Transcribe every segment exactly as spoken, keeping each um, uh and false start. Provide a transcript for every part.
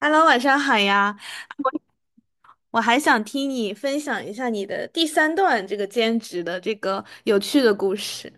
Hello，晚上好呀！我我还想听你分享一下你的第三段这个兼职的这个有趣的故事。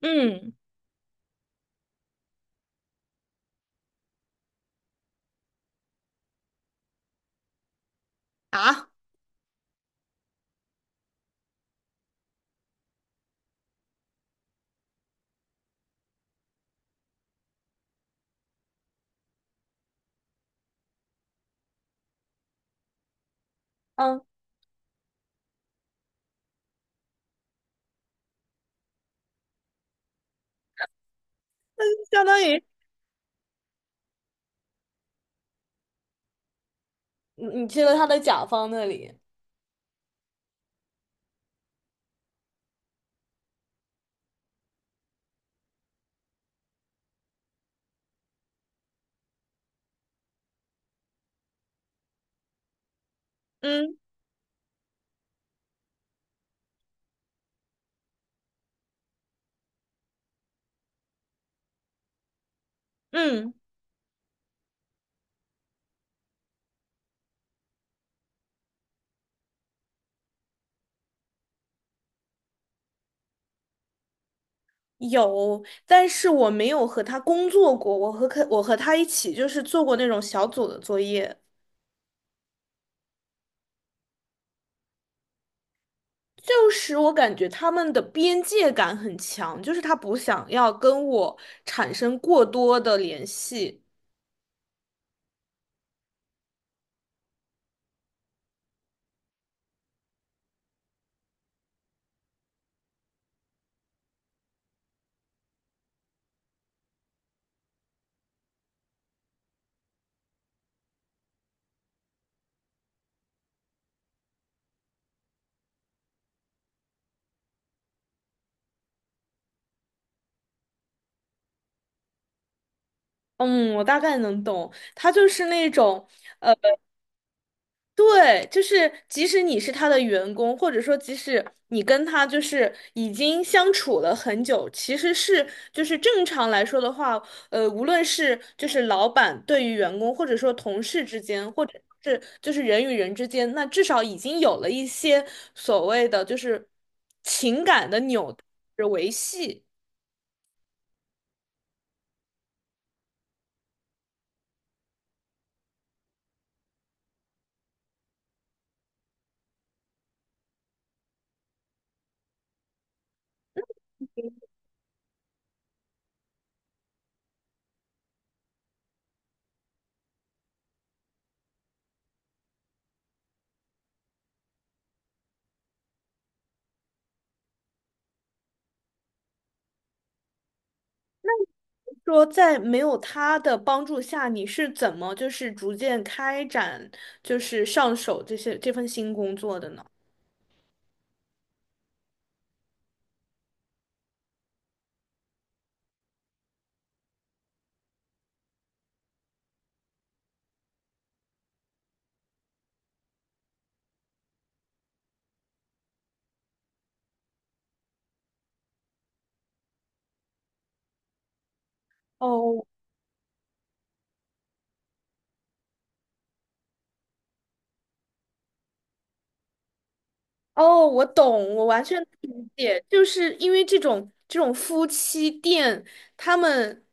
嗯啊，嗯，相当于你你去了他的甲方那里。嗯嗯有，但是我没有和他工作过，我和可我和他一起就是做过那种小组的作业，就是我感觉他们的边界感很强，就是他不想要跟我产生过多的联系。嗯，我大概能懂，他就是那种，对，就是即使你是他的员工，或者说即使你跟他就是已经相处了很久，其实是就是正常来说的话，呃，无论是就是老板对于员工，或者说同事之间，或者是就是人与人之间，那至少已经有了一些所谓的就是情感的纽带维系。说在没有他的帮助下，你是怎么就是逐渐开展就是上手这些这份新工作的呢？哦。哦，我懂，我完全理解，就是因为这种这种夫妻店，他们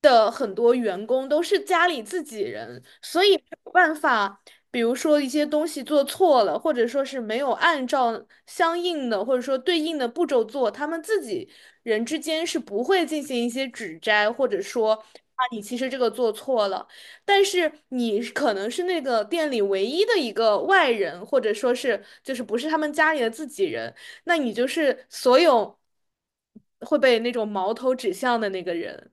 的很多员工都是家里自己人，所以没有办法，比如说一些东西做错了，或者说是没有按照相应的或者说对应的步骤做，他们自己人之间是不会进行一些指摘，或者说啊，你其实这个做错了。但是你可能是那个店里唯一的一个外人，或者说是就是不是他们家里的自己人，那你就是所有会被那种矛头指向的那个人。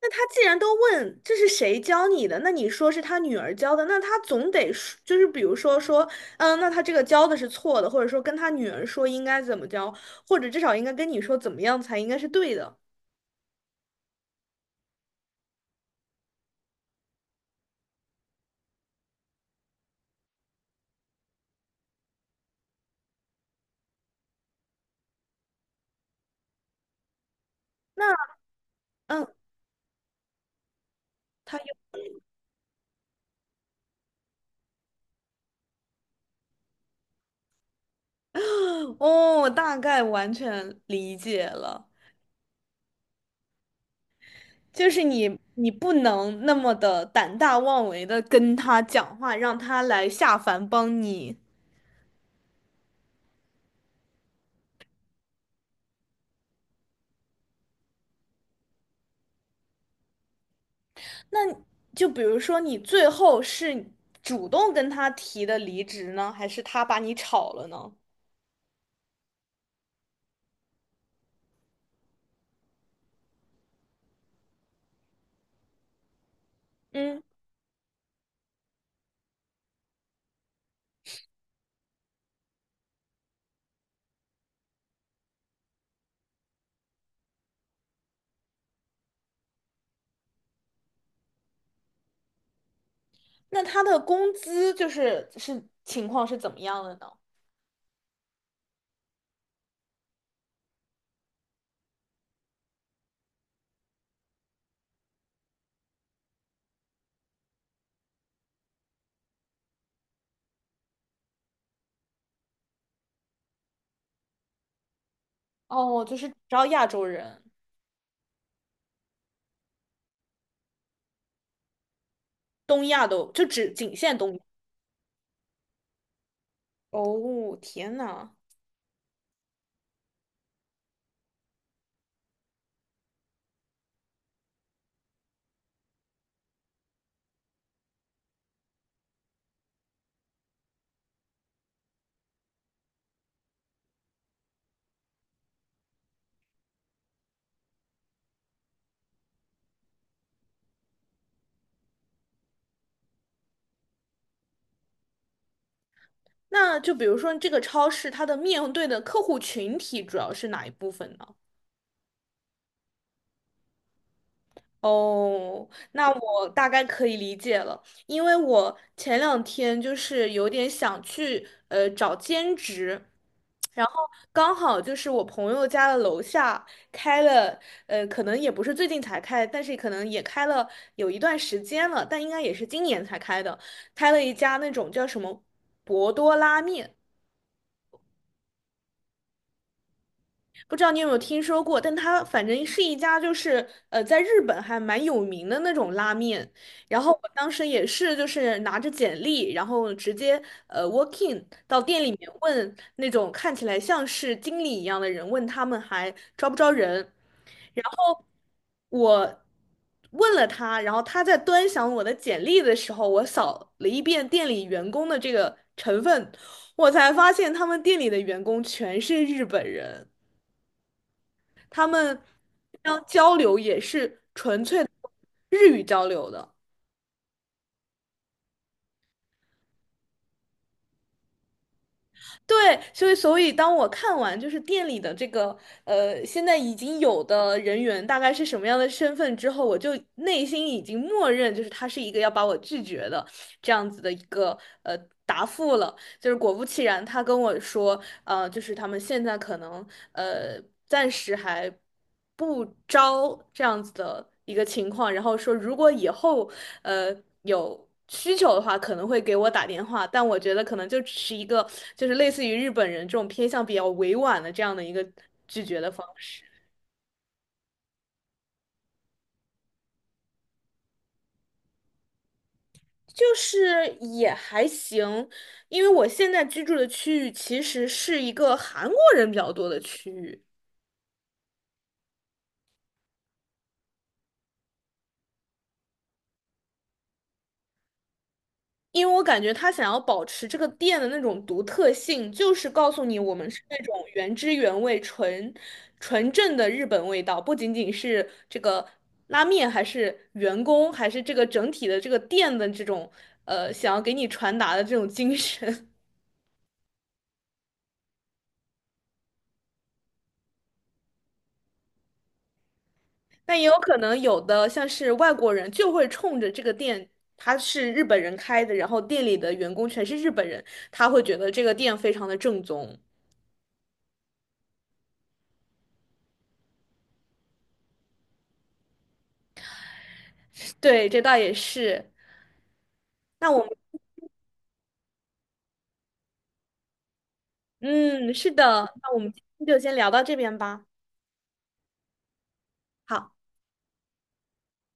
那他既然都问这是谁教你的，那你说是他女儿教的，那他总得说就是比如说说，嗯，那他这个教的是错的，或者说跟他女儿说应该怎么教，或者至少应该跟你说怎么样才应该是对的。那嗯。他又。哦，我大概完全理解了，就是你你不能那么的胆大妄为的跟他讲话，让他来下凡帮你。那就比如说你最后是主动跟他提的离职呢，还是他把你炒了呢？嗯，那他的工资就是是情况是怎么样的呢？哦，就是只要亚洲人，东亚都就只仅限东亚。哦，天呐！那就比如说这个超市，它的面对的客户群体主要是哪一部分呢？哦，那我大概可以理解了，因为我前两天就是有点想去呃找兼职，然后刚好就是我朋友家的楼下开了，呃，可能也不是最近才开，但是可能也开了有一段时间了，但应该也是今年才开的，开了一家那种叫什么博多拉面。不知道你有没有听说过，但它反正是一家就是呃，在日本还蛮有名的那种拉面。然后我当时也是就是拿着简历，然后直接呃 walk in g 到店里面问那种看起来像是经理一样的人，问他们还招不招人。然后我问了他，然后他在端详我的简历的时候，我扫了一遍店里员工的这个成分，我才发现他们店里的员工全是日本人。他们要交流也是纯粹的日语交流的。对，所以所以当我看完就是店里的这个呃，现在已经有的人员大概是什么样的身份之后，我就内心已经默认就是他是一个要把我拒绝的这样子的一个呃答复了。就是果不其然，他跟我说，呃，就是他们现在可能呃暂时还不招这样子的一个情况，然后说如果以后呃有需求的话，可能会给我打电话，但我觉得可能就只是一个就是类似于日本人这种偏向比较委婉的这样的一个拒绝的方式。就是也还行，因为我现在居住的区域其实是一个韩国人比较多的区域。因为我感觉他想要保持这个店的那种独特性，就是告诉你我们是那种原汁原味、纯纯正的日本味道，不仅仅是这个拉面，还是员工，还是这个整体的这个店的这种呃想要给你传达的这种精神。但也有可能有的像是外国人就会冲着这个店。他是日本人开的，然后店里的员工全是日本人，他会觉得这个店非常的正宗。对，这倒也是。那我们。嗯，是的，那我们今天就先聊到这边吧。好。